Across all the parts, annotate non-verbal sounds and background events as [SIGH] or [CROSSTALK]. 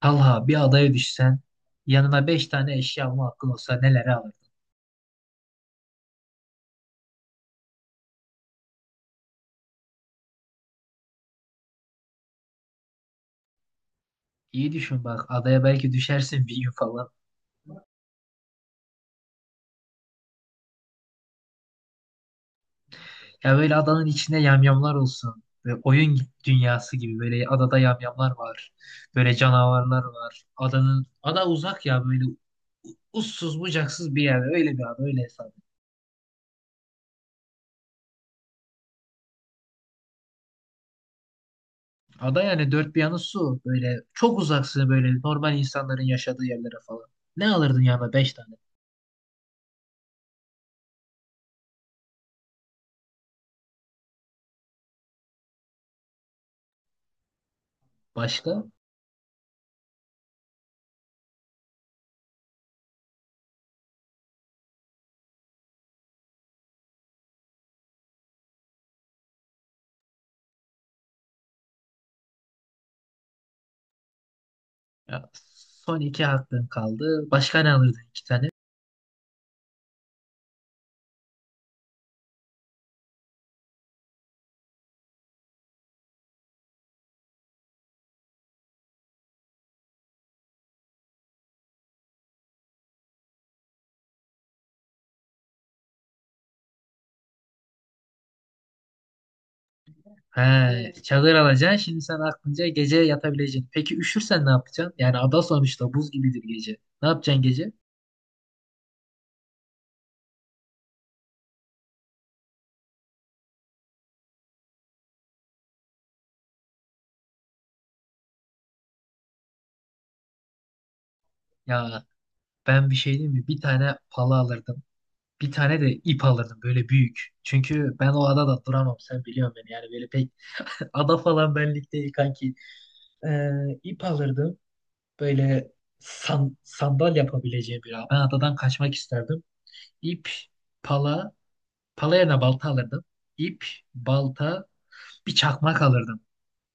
Talha, bir adaya düşsen yanına beş tane eşya alma hakkın olsa nelere alırdın? İyi düşün bak, adaya belki düşersin bir gün falan. Ya böyle adanın içinde yamyamlar olsun. Böyle oyun dünyası gibi, böyle adada yamyamlar var. Böyle canavarlar var. Adanın ada uzak ya, böyle uçsuz bucaksız bir yer. Öyle bir ada, öyle hesap. Et. Ada yani dört bir yanı su. Böyle çok uzaksın, böyle normal insanların yaşadığı yerlere falan. Ne alırdın yanına beş tane? Başka? Ya, son iki hakkın kaldı. Başka ne alırdın iki tane? He, hmm. Çadır alacaksın. Şimdi sen aklınca gece yatabileceksin. Peki üşürsen ne yapacaksın? Yani ada sonuçta buz gibidir gece. Ne yapacaksın gece? Ya, ben bir şey diyeyim mi? Bir tane pala alırdım. Bir tane de ip alırdım, böyle büyük. Çünkü ben o adada duramam. Sen biliyorsun beni. Yani böyle pek [LAUGHS] ada falan benlik değil kanki. Ee, ip alırdım. Böyle sandal yapabileceğim bir. Ben adadan kaçmak isterdim. İp, pala. Pala yerine balta alırdım. İp, balta, bir çakmak alırdım.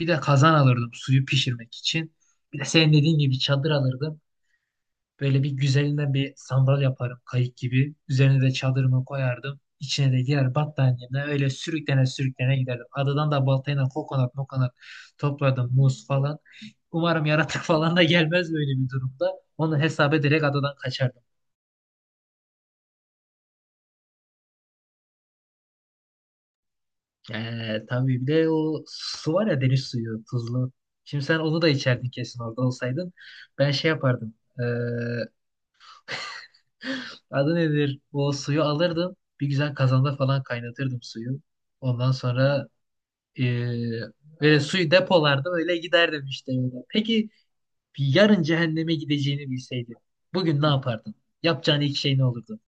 Bir de kazan alırdım suyu pişirmek için. Bir de senin dediğin gibi çadır alırdım. Böyle bir güzelinden bir sandal yaparım kayık gibi. Üzerine de çadırımı koyardım. İçine de diğer battaniyemle öyle sürüklene sürüklene giderdim. Adadan da baltayla kokonat mokonat topladım, muz falan. Umarım yaratık [LAUGHS] falan da gelmez böyle bir durumda. Onu hesap ederek adadan kaçardım. Tabii bir de o su var ya, deniz suyu tuzlu. Şimdi sen onu da içerdin kesin orada olsaydın. Ben şey yapardım. Ee, Adı nedir? O suyu alırdım. Bir güzel kazanda falan kaynatırdım suyu. Ondan sonra ee, böyle suyu depolardım, öyle giderdim işte, yolda. Peki bir yarın cehenneme gideceğini bilseydin. Bugün ne yapardın? Yapacağın ilk şey ne olurdu?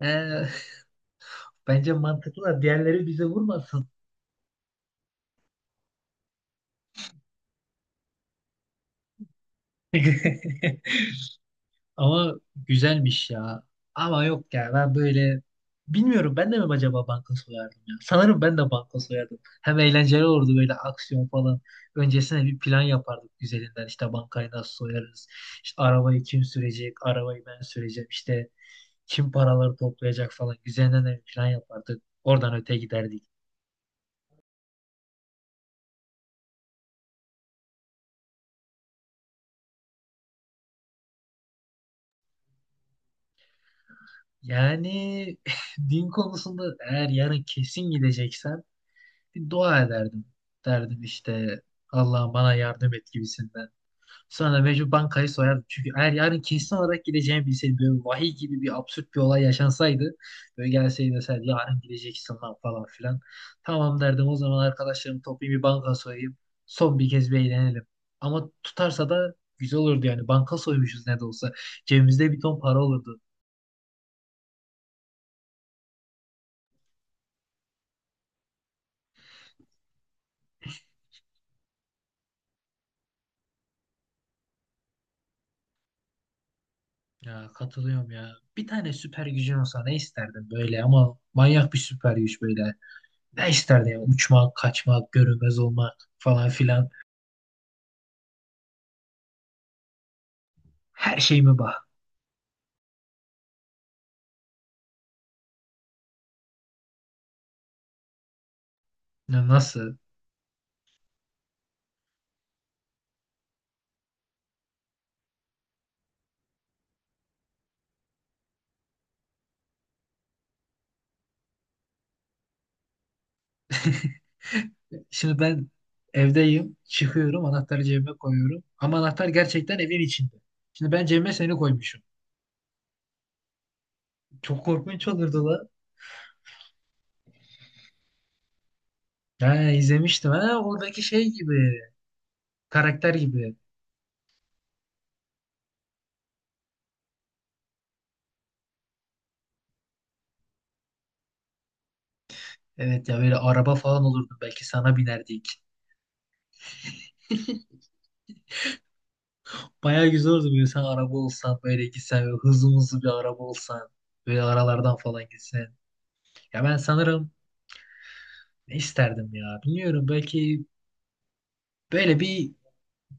Ee, [LAUGHS] bence mantıklı da diğerleri bize vurmasın. [LAUGHS] Ama güzelmiş ya. Ama yok ya, ben böyle bilmiyorum, ben de mi acaba banka soyardım ya. Sanırım ben de banka soyardım. Hem eğlenceli olurdu böyle, aksiyon falan. Öncesine bir plan yapardık güzelinden. İşte bankayı nasıl soyarız. İşte arabayı kim sürecek, arabayı ben süreceğim. İşte kim paraları toplayacak falan. Güzelinden de bir plan yapardık. Oradan öte giderdik. Yani [LAUGHS] din konusunda eğer yarın kesin gideceksen bir dua ederdim. Derdim işte Allah'ım bana yardım et gibisinden. Sonra mecbur bankayı soyardım. Çünkü eğer yarın kesin olarak gideceğimi bilseydim, böyle vahiy gibi bir absürt bir olay yaşansaydı, böyle gelseydi deseydi yarın gideceksin lan falan filan. Tamam derdim, o zaman arkadaşlarımı toplayayım, bir banka soyayım. Son bir kez bir eğlenelim. Ama tutarsa da güzel olurdu yani. Banka soymuşuz ne de olsa. Cebimizde bir ton para olurdu. Ya katılıyorum ya. Bir tane süper gücün olsa ne isterdin böyle, ama manyak bir süper güç böyle. Ne isterdi ya? Uçmak, kaçmak, görünmez olmak falan filan. Her şeyime bak. Ya, nasıl? [LAUGHS] Şimdi ben evdeyim. Çıkıyorum. Anahtarı cebime koyuyorum. Ama anahtar gerçekten evin içinde. Şimdi ben cebime seni koymuşum. Çok korkunç olurdu lan. Ha, izlemiştim. Ha, oradaki şey gibi. Karakter gibi. Evet ya, böyle araba falan olurdu. Belki sana binerdik. Bayağı güzel olurdu böyle, sen araba olsan. Böyle gitsen, böyle hızlı hızlı bir araba olsan. Böyle aralardan falan gitsen. Ya ben sanırım. Ne isterdim ya? Bilmiyorum. Belki böyle bir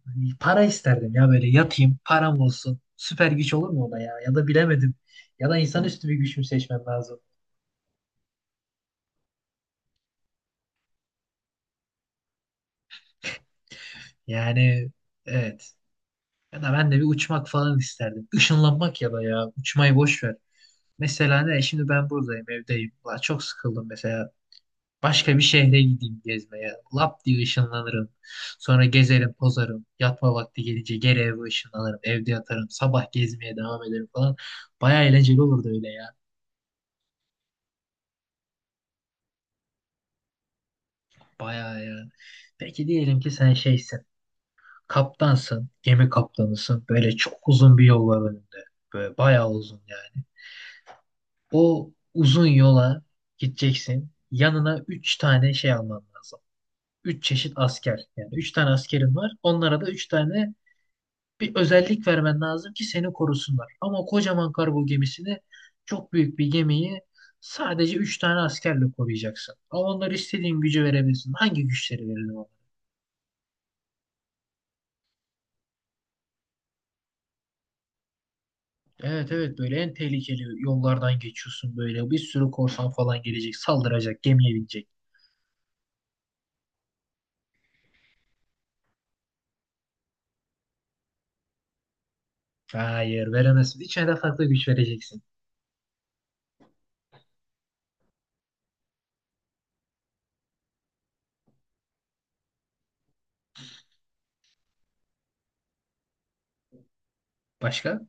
hani, para isterdim ya, böyle yatayım, param olsun. Süper güç olur mu o da ya? Ya da bilemedim. Ya da insanüstü bir güç mü seçmem lazım? Yani evet. Ya da ben de bir uçmak falan isterdim. Işınlanmak ya da ya. Uçmayı boş ver. Mesela ne? Şimdi ben buradayım, evdeyim. Ulan çok sıkıldım mesela. Başka bir şehre gideyim gezmeye. Lap diye ışınlanırım. Sonra gezerim, tozarım. Yatma vakti gelince geri eve ışınlanırım. Evde yatarım. Sabah gezmeye devam ederim falan. Baya eğlenceli olurdu öyle ya. Baya ya. Peki diyelim ki sen şeysin. Kaptansın. Gemi kaptanısın. Böyle çok uzun bir yol var önünde. Böyle bayağı uzun yani. O uzun yola gideceksin. Yanına üç tane şey alman lazım. Üç çeşit asker. Yani üç tane askerin var. Onlara da üç tane bir özellik vermen lazım ki seni korusunlar. Ama kocaman kargo gemisini, çok büyük bir gemiyi, sadece 3 tane askerle koruyacaksın. Ama onlara istediğin gücü verebilirsin. Hangi güçleri verelim ona? Evet evet, böyle en tehlikeli yollardan geçiyorsun böyle. Bir sürü korsan falan gelecek, saldıracak, gemiye binecek. Hayır, veremezsin. İçine de farklı güç vereceksin. Başka?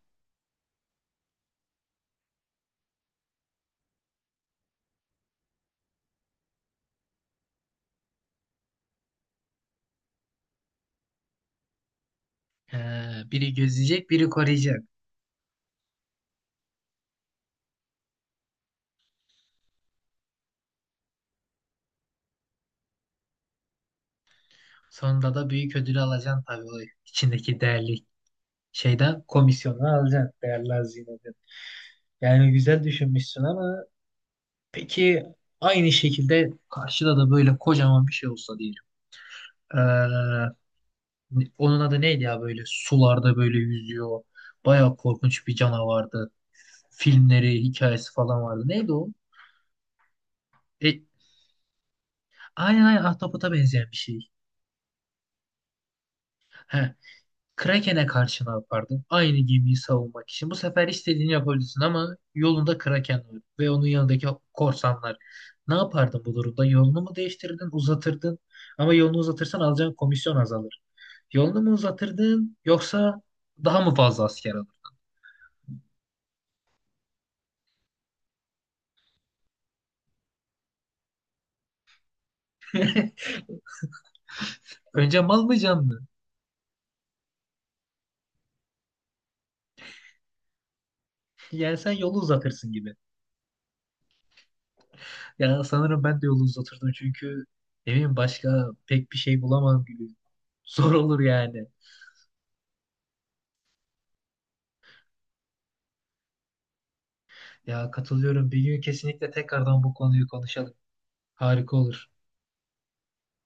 Ee, Biri gözleyecek, biri koruyacak. Sonunda da büyük ödül alacaksın tabii, o içindeki değerli şeyden komisyonu alacaksın. Değerli hazine. Yani güzel düşünmüşsün, ama peki aynı şekilde karşıda da böyle kocaman bir şey olsa diyelim. Ee, Onun adı neydi ya, böyle sularda böyle yüzüyor. Bayağı korkunç bir canavardı. Filmleri, hikayesi falan vardı. Neydi o? E, aynen aynen, ahtapota benzeyen bir şey. He, Kraken'e karşı ne yapardın? Aynı gemiyi savunmak için. Bu sefer istediğini yapabilirsin, ama yolunda Kraken var ve onun yanındaki korsanlar. Ne yapardın bu durumda? Yolunu mu değiştirdin, uzatırdın? Ama yolunu uzatırsan alacağın komisyon azalır. Yolunu mu uzatırdın, yoksa daha mı fazla asker alır? [LAUGHS] Önce mal mı, can mı? Yani sen yolu uzatırsın gibi. Ya sanırım ben de yolu uzatırdım, çünkü ne bileyim başka pek bir şey bulamam gibi. Zor olur yani. Ya katılıyorum. Bir gün kesinlikle tekrardan bu konuyu konuşalım. Harika olur.